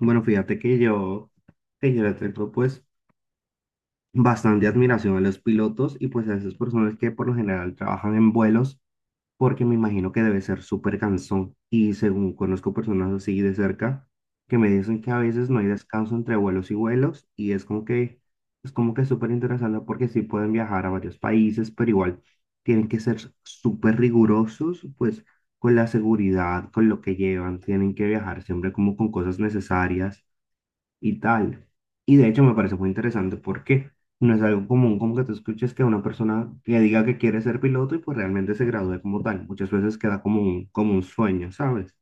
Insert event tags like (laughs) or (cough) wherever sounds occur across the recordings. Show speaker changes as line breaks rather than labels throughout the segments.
Bueno, fíjate que que yo le tengo pues bastante admiración a los pilotos y pues a esas personas que por lo general trabajan en vuelos porque me imagino que debe ser súper cansón y según conozco personas así de cerca que me dicen que a veces no hay descanso entre vuelos y vuelos y es como que súper interesante porque sí pueden viajar a varios países pero igual tienen que ser súper rigurosos pues con la seguridad, con lo que llevan, tienen que viajar siempre como con cosas necesarias y tal. Y de hecho me parece muy interesante porque no es algo común como que tú escuches que una persona que diga que quiere ser piloto y pues realmente se gradúe como tal. Muchas veces queda como como un sueño, ¿sabes?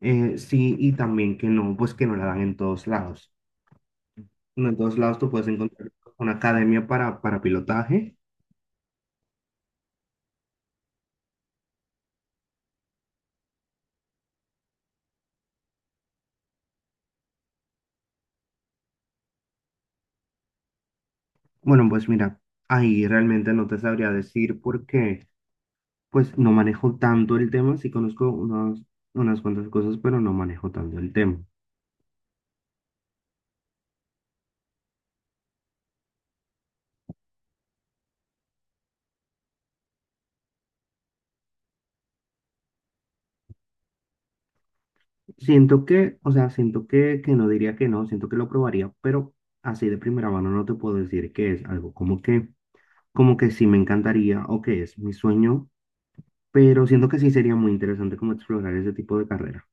Sí, y también que no, pues que no la dan en todos lados. No, en todos lados tú puedes encontrar una academia para pilotaje. Bueno, pues mira, ahí realmente no te sabría decir porque pues no manejo tanto el tema, sí conozco unas cuantas cosas, pero no manejo tanto el tema. Siento que, o sea, siento que no diría que no, siento que lo probaría, pero así de primera mano no te puedo decir que es algo como que sí me encantaría o que es mi sueño, pero siento que sí sería muy interesante como explorar ese tipo de carrera.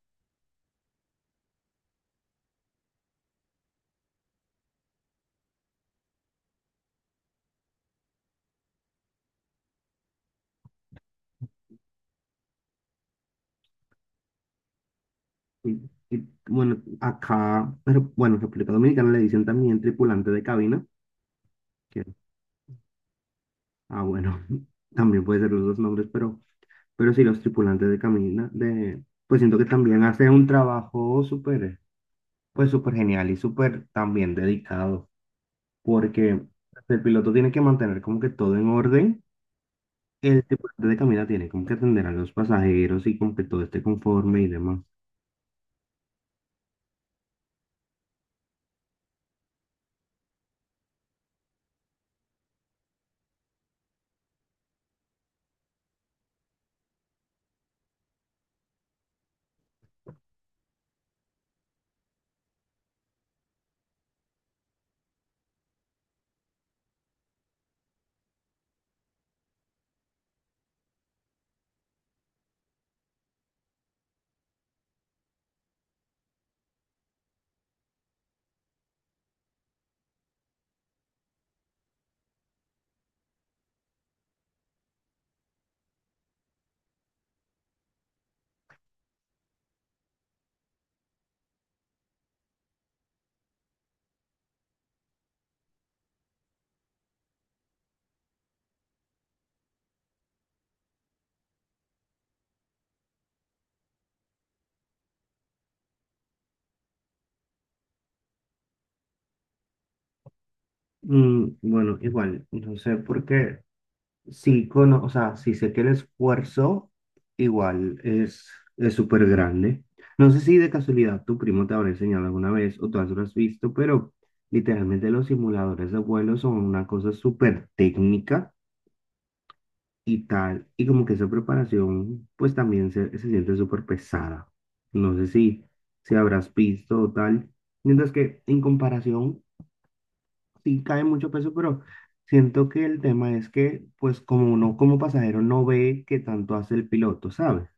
Y, y, bueno, acá, pero bueno, en República Dominicana le dicen también tripulante de cabina, que, ah, bueno, (laughs) también puede ser los dos nombres, pero sí los tripulantes de cabina, de, pues siento que también hacen un trabajo súper, pues súper genial y súper también dedicado. Porque el piloto tiene que mantener como que todo en orden. El tripulante de cabina tiene como que atender a los pasajeros y como que todo esté conforme y demás. Bueno, igual, no sé por qué, sí, o sea, sí sé que el esfuerzo igual es súper grande. No sé si de casualidad tu primo te habrá enseñado alguna vez o tú lo has visto, pero literalmente los simuladores de vuelo son una cosa súper técnica y tal. Y como que esa preparación, pues también se siente súper pesada. No sé si, si habrás visto o tal. Mientras que en comparación, sí cae mucho peso, pero siento que el tema es que, pues como uno como pasajero no ve que tanto hace el piloto, ¿sabes?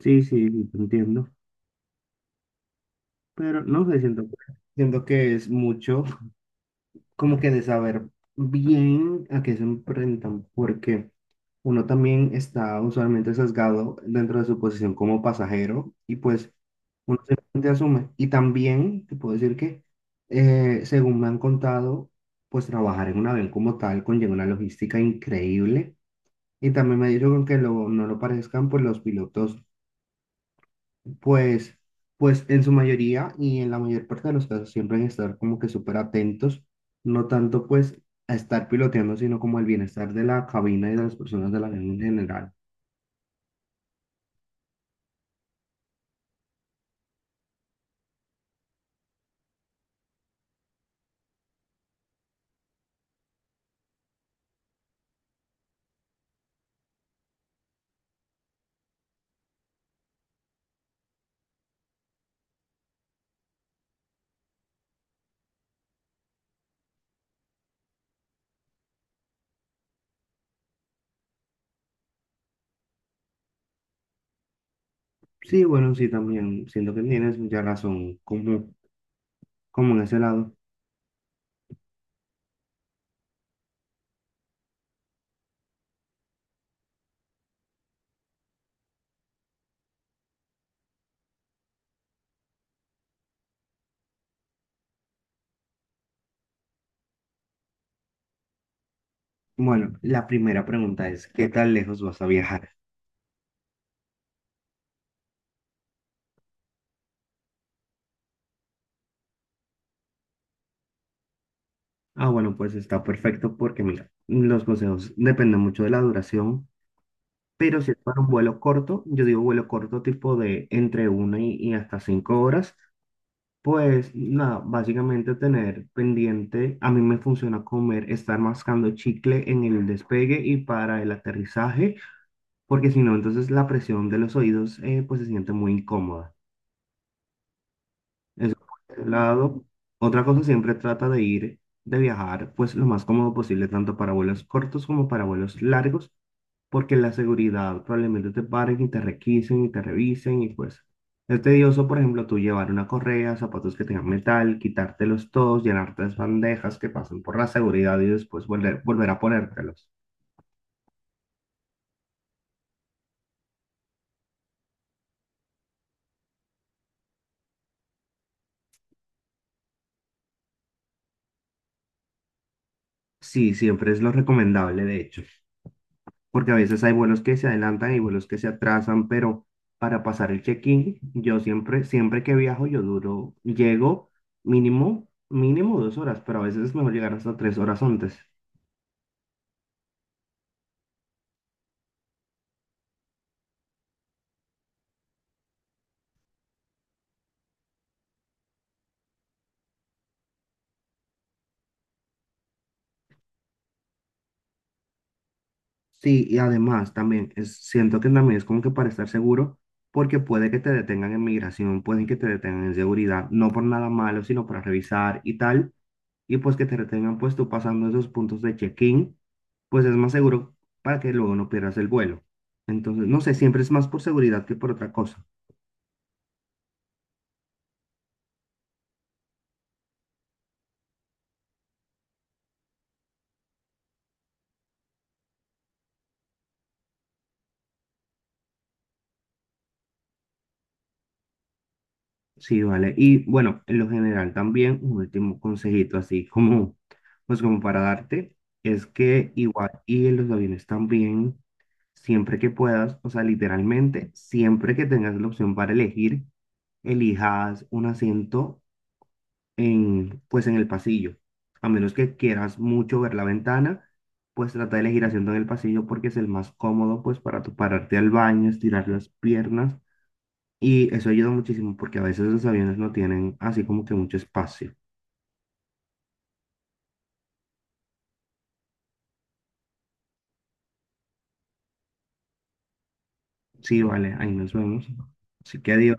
Sí, sí, sí, te entiendo. Pero no sé, siento que es mucho como que de saber bien a qué se enfrentan, porque uno también está usualmente sesgado dentro de su posición como pasajero y pues uno simplemente asume. Y también te puedo decir que, según me han contado, pues trabajar en un avión como tal conlleva una logística increíble y también me han dicho que no lo parezcan, pues los pilotos pues, pues en su mayoría y en la mayor parte de los casos siempre hay que estar como que súper atentos, no tanto pues a estar piloteando, sino como el bienestar de la cabina y de las personas de la avión en general. Sí, bueno, sí, también siento que tienes mucha razón como en ese lado. Bueno, la primera pregunta es, ¿qué tan lejos vas a viajar? Ah, bueno, pues está perfecto porque mira, los consejos dependen mucho de la duración, pero si es para un vuelo corto, yo digo vuelo corto tipo de entre una y hasta 5 horas. Pues nada, básicamente tener pendiente, a mí me funciona comer, estar mascando chicle en el despegue y para el aterrizaje, porque si no, entonces la presión de los oídos pues se siente muy incómoda. Eso por ese lado. Otra cosa, siempre trata de ir, de viajar, pues lo más cómodo posible, tanto para vuelos cortos como para vuelos largos, porque la seguridad probablemente te paren y te requisen y te revisen y pues es tedioso, por ejemplo, tú llevar una correa, zapatos que tengan metal, quitártelos todos, llenar tres bandejas que pasen por la seguridad y después volver a ponértelos. Sí, siempre es lo recomendable, de hecho. Porque a veces hay vuelos que se adelantan y vuelos que se atrasan, pero para pasar el check-in, yo siempre, siempre que viajo, yo duro, llego mínimo, mínimo 2 horas, pero a veces es mejor llegar hasta 3 horas antes. Sí, y además también es, siento que también es como que para estar seguro, porque puede que te detengan en migración, pueden que te detengan en seguridad, no por nada malo, sino para revisar y tal. Y pues que te retengan pues tú pasando esos puntos de check-in, pues es más seguro para que luego no pierdas el vuelo. Entonces, no sé, siempre es más por seguridad que por otra cosa. Sí, vale. Y bueno, en lo general también un último consejito así como, pues como para darte, es que igual y en los aviones también, siempre que puedas, o sea, literalmente, siempre que tengas la opción para elegir, elijas un asiento en, pues en el pasillo. A menos que quieras mucho ver la ventana, pues trata de elegir asiento en el pasillo porque es el más cómodo, pues para tu pararte al baño, estirar las piernas. Y eso ayuda muchísimo porque a veces los aviones no tienen así como que mucho espacio. Sí, vale, ahí nos vemos. Así que adiós.